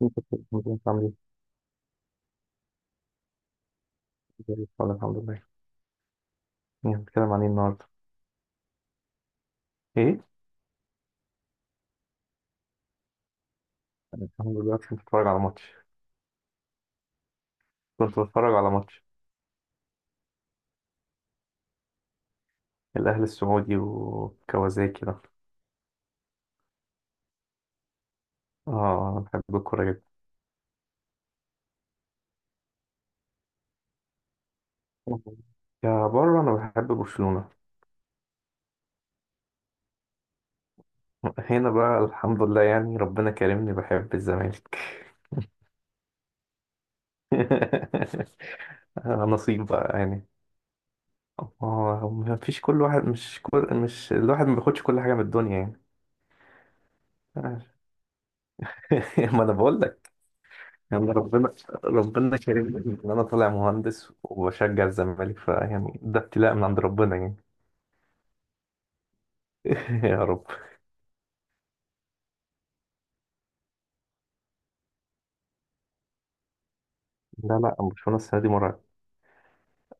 كنت كنت عامل ايه؟ زي الفل الحمد لله. يعني هنتكلم عن ايه النهارده؟ ايه؟ انا الحمد لله كنت بتفرج على ماتش. كنت بتفرج على ماتش الاهلي السعودي وكوازاكي ده. اه، انا بحب الكورة جدا. يا بره انا بحب برشلونة. هنا بقى الحمد لله، يعني ربنا كرمني بحب الزمالك. آه، نصيب بقى يعني. اه، ما فيش كل واحد مش كل مش الواحد ما بياخدش كل حاجة من الدنيا يعني. ما انا بقول يعني، ربنا كريم ان انا طالع مهندس وبشجع الزمالك، فيعني ده ابتلاء من عند ربنا يعني. يا رب. لا لا، برشلونة السنة دي مرعب.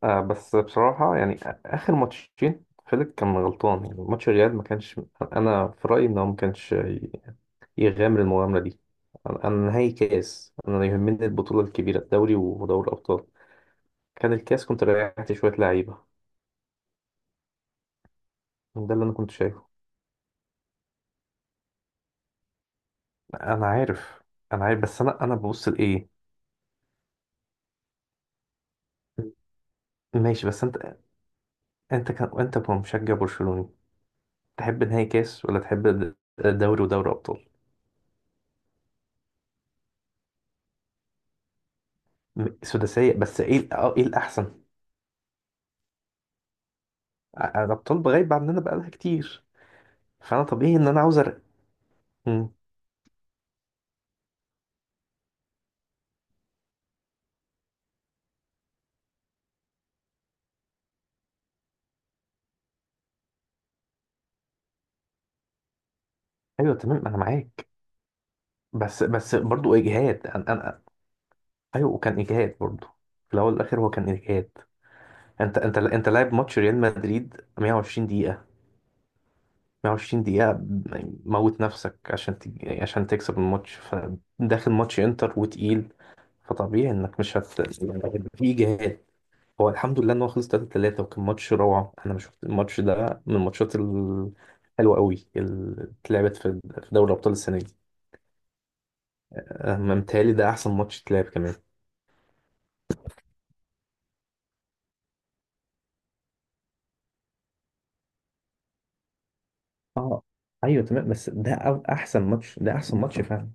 آه، بس بصراحة يعني، آخر ماتشين فيليك كان غلطان، يعني ماتش الريال ما كانش. أنا في رأيي إن هو ما كانش يغامر المغامرة دي. أنا نهائي كاس، أنا يهمني البطولة الكبيرة، الدوري ودوري الأبطال. كان الكاس كنت ريحت شوية لعيبة. ده اللي أنا كنت شايفه. أنا عارف. أنا عارف، بس أنا ببص لإيه. ماشي، بس أنت، انت كمشجع برشلوني، تحب نهائي كاس ولا تحب دوري ودوري ابطال. سداسيه، بس ايه ال- اه ايه الاحسن؟ الابطال غايبه عننا بقالها كتير، فانا طبيعي ان انا عاوز أرق... مم. ايوه تمام، انا معاك. بس بس برضو اجهاد، أنا. ايوه وكان اجهاد برضو. في الاول والاخر هو كان اجهاد. انت لاعب ماتش ريال مدريد 120 دقيقه، 120 دقيقه، موت نفسك عشان تكسب الماتش، فداخل ماتش انتر وتقيل، فطبيعي انك مش هت يعني، هيبقى في اجهاد. هو الحمد لله ان هو خلص 3-3، وكان ماتش روعه. انا شفت الماتش ده من الماتشات الحلوه قوي اللي اتلعبت في دوري ابطال السنه دي. أه، متهيألي ده احسن ماتش اتلعب كمان. اه ايوه تمام، بس ده احسن ماتش، ده احسن ماتش فعلا.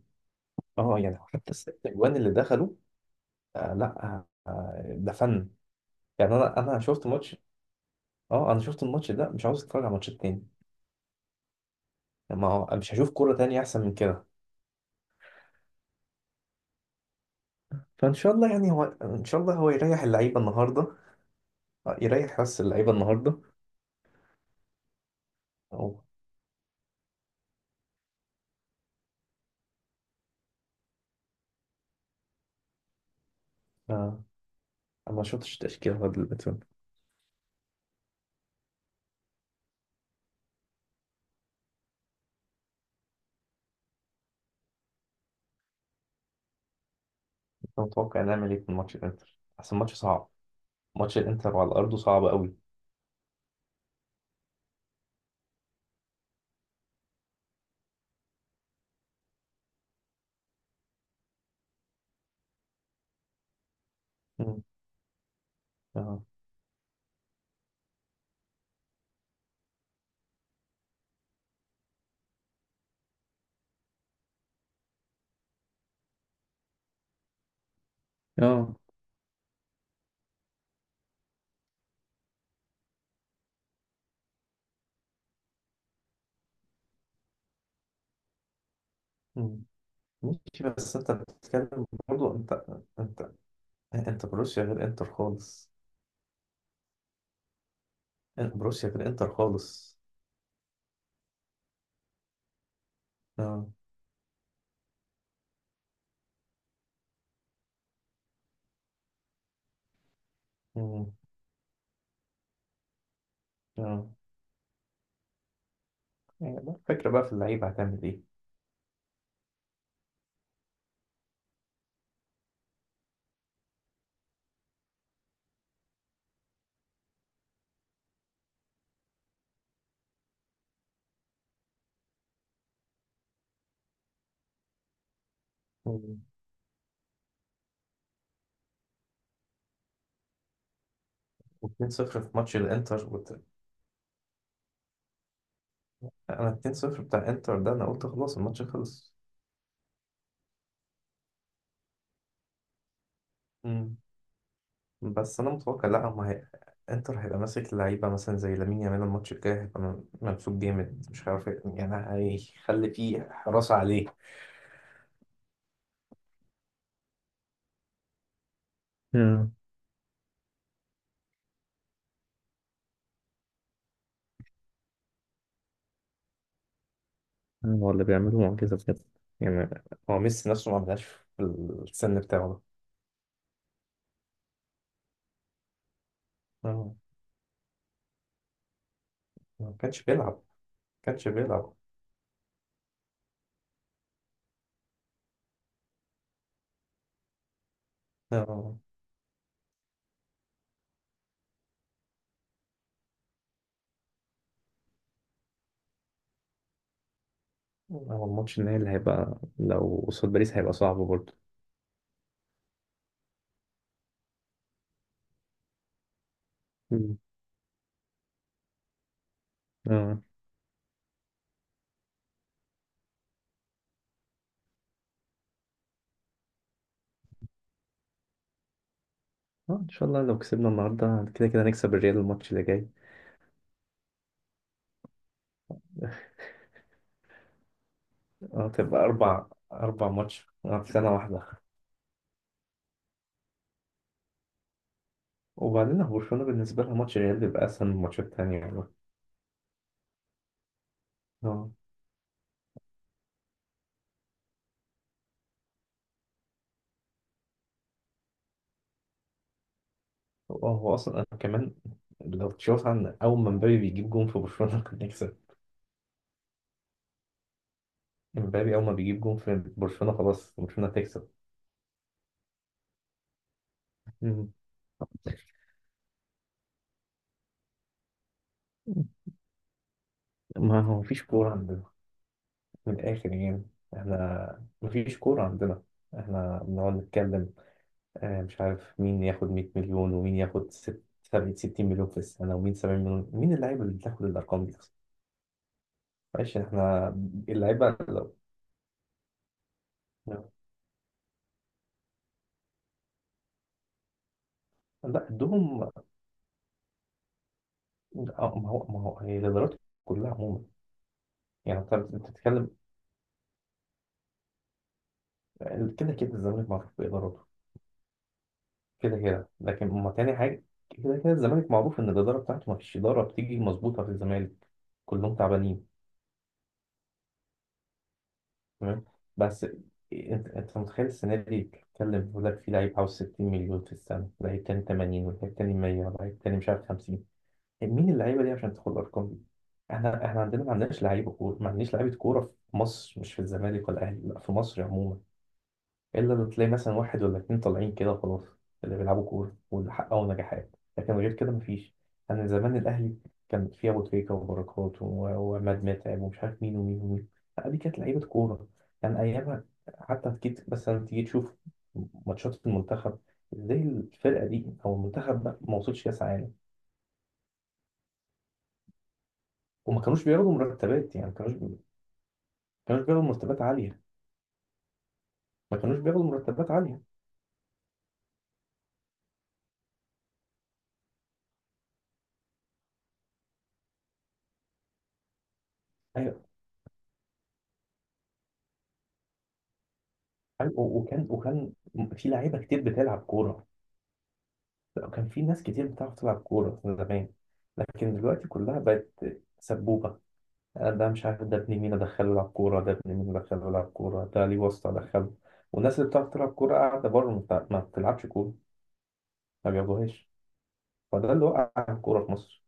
اه، يعني حتى الست اجوان اللي دخلوا، آه لا آه، ده فن. يعني انا شفت ماتش، اه انا شفت الماتش ده مش عاوز اتفرج على ماتش تاني. ما هو مش هشوف كوره تانية احسن من كده. فان شاء الله يعني، هو ان شاء الله هو يريح اللعيبه النهارده. آه، يريح بس اللعيبه النهارده. او آه، انا ما شفتش تشكيله غير البتون. انت متوقع نعمل ايه في ماتش الانتر؟ احسن ماتش صعب. ماتش الانتر على ارضه صعب قوي. مم. اه. اه. مم. ماشي، بس انت بتتكلم برضه، انت انت انت بروسيا غير انتر خالص. انت بروسيا غير انتر خالص. اه. مم. اه، يعني بقى الفكرة بقى في اللعيبة هتعمل ايه. مم. و2-0 في ماتش الانتر، انا 2-0 بتاع انتر ده انا قلت خلاص الماتش خلص. مم. بس انا متوقع، لا ما هي انتر هيبقى ماسك لعيبه مثلا زي لامين يامال. الماتش الجاي هيبقى ممسوك جامد، مش عارف إيه يعني، هيخلي فيه حراسه عليه. مم. هو اللي بيعملوا معجزة بجد يعني. هو ميسي نفسه ما عملهاش في السن بتاعه ده. آه، ما كانش بيلعب. اه. هو الماتش النهائي اللي هيبقى لو قصاد باريس هيبقى صعب برضه. مم. اه. اه، ان شاء الله لو كسبنا النهارده كده كده نكسب الريال الماتش اللي جاي. اه، تبقى اربع ماتش في سنه واحده. وبعدين هو برشلونه بالنسبه لها ماتش الريال بيبقى اسهل من الماتشات التانيه يعني. اه. هو هو اصلا انا كمان، لو تشوف عن اول ما مبابي بيجيب جون في برشلونه كنا نكسب. مبابي اول ما بيجيب جون في برشلونه خلاص برشلونه تكسب. مم. ما هو مفيش كوره عندنا، من الاخر يعني. احنا مفيش كوره عندنا، احنا بنقعد نتكلم. آه، مش عارف مين ياخد 100 مليون، ومين ياخد 60 مليون في السنة، ومين 70 مليون، مين اللعيبة اللي بتاخد الأرقام دي أصلا؟ معلش احنا، اللعيبة لو، لا، ادوهم، آه، ما هو هي الإدارات كلها عموما. يعني انت بتتكلم، كده كده الزمالك معروف بإدارته. كده كده، لكن ما تاني حاجة، كده كده الزمالك معروف إن الإدارة بتاعته ما فيش إدارة بتيجي مظبوطة في الزمالك، كلهم تعبانين. تمام. بس انت متخيل السنه دي بتتكلم بيقول لك في لعيب عاوز 60 مليون في السنه، لعيب تاني 80، ولعيب تاني 100، ولعيب تاني مش عارف 50. مين اللعيبه دي عشان تدخل الارقام دي؟ احنا عندنا ما عندناش لعيبه كوره، ما عندناش لعيبه كوره في مصر، مش في الزمالك ولا الاهلي، لا في مصر عموما. الا لو تلاقي مثلا واحد ولا اتنين طالعين كده خلاص، اللي بيلعبوا كوره واللي حققوا نجاحات، لكن غير كده مفيش. انا زمان الاهلي كان فيه ابو تريكه، وبركات، وعماد متعب، ومش عارف مين ومين ومين. لا، دي كانت لعيبه كوره، كان ايامها. حتى اكيد مثلا تيجي تشوف ماتشات المنتخب ازاي الفرقه دي او المنتخب ده ما وصلش كاس عالم. وما كانوش بياخدوا مرتبات يعني، ما كانوش بياخدوا مرتبات عاليه، ما كانوش بياخدوا مرتبات عاليه. ايوه. أيوة، وكان في لعيبه كتير بتلعب كوره. لا، كان في ناس كتير بتعرف تلعب كورة زمان، لكن دلوقتي كلها بقت سبوبة. ده مش عارف ده ابن مين أدخله يلعب كورة، ده ابن مين أدخله يلعب كورة، ده ليه واسطة أدخله. والناس اللي بتعرف تلعب كورة قاعدة بره، ما بتلعبش كورة، ما بيلعبوهاش. فده اللي وقع الكورة في مصر،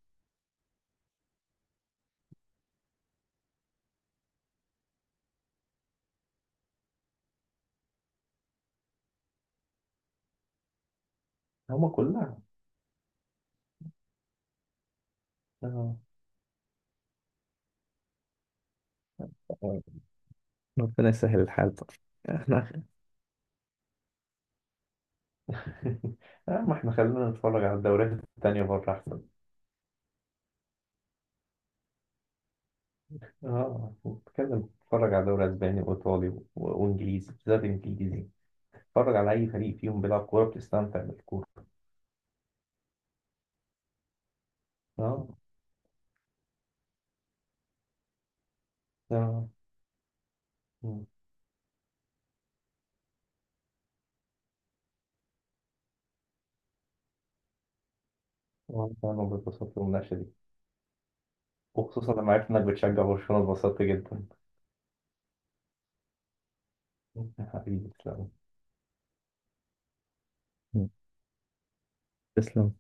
هما كلها. آه. ربنا يسهل الحال بقى. احنا. آه، ما احنا خلينا نتفرج على الدوريات التانية بره أحسن. اه، نتفرج على دوري أسباني وإيطالي وإنجليزي، بالذات إنجليزي. اتفرج على أي فريق فيهم بيلعب كورة، بتستمتع بالكورة. أه. آه. مم. وأنا كمان اتبسطت بالمناقشة دي، وخصوصا لما عرفت إنك بتشجع برشلونة اتبسطت جدا. حبيبي تسلم. مم. تسلم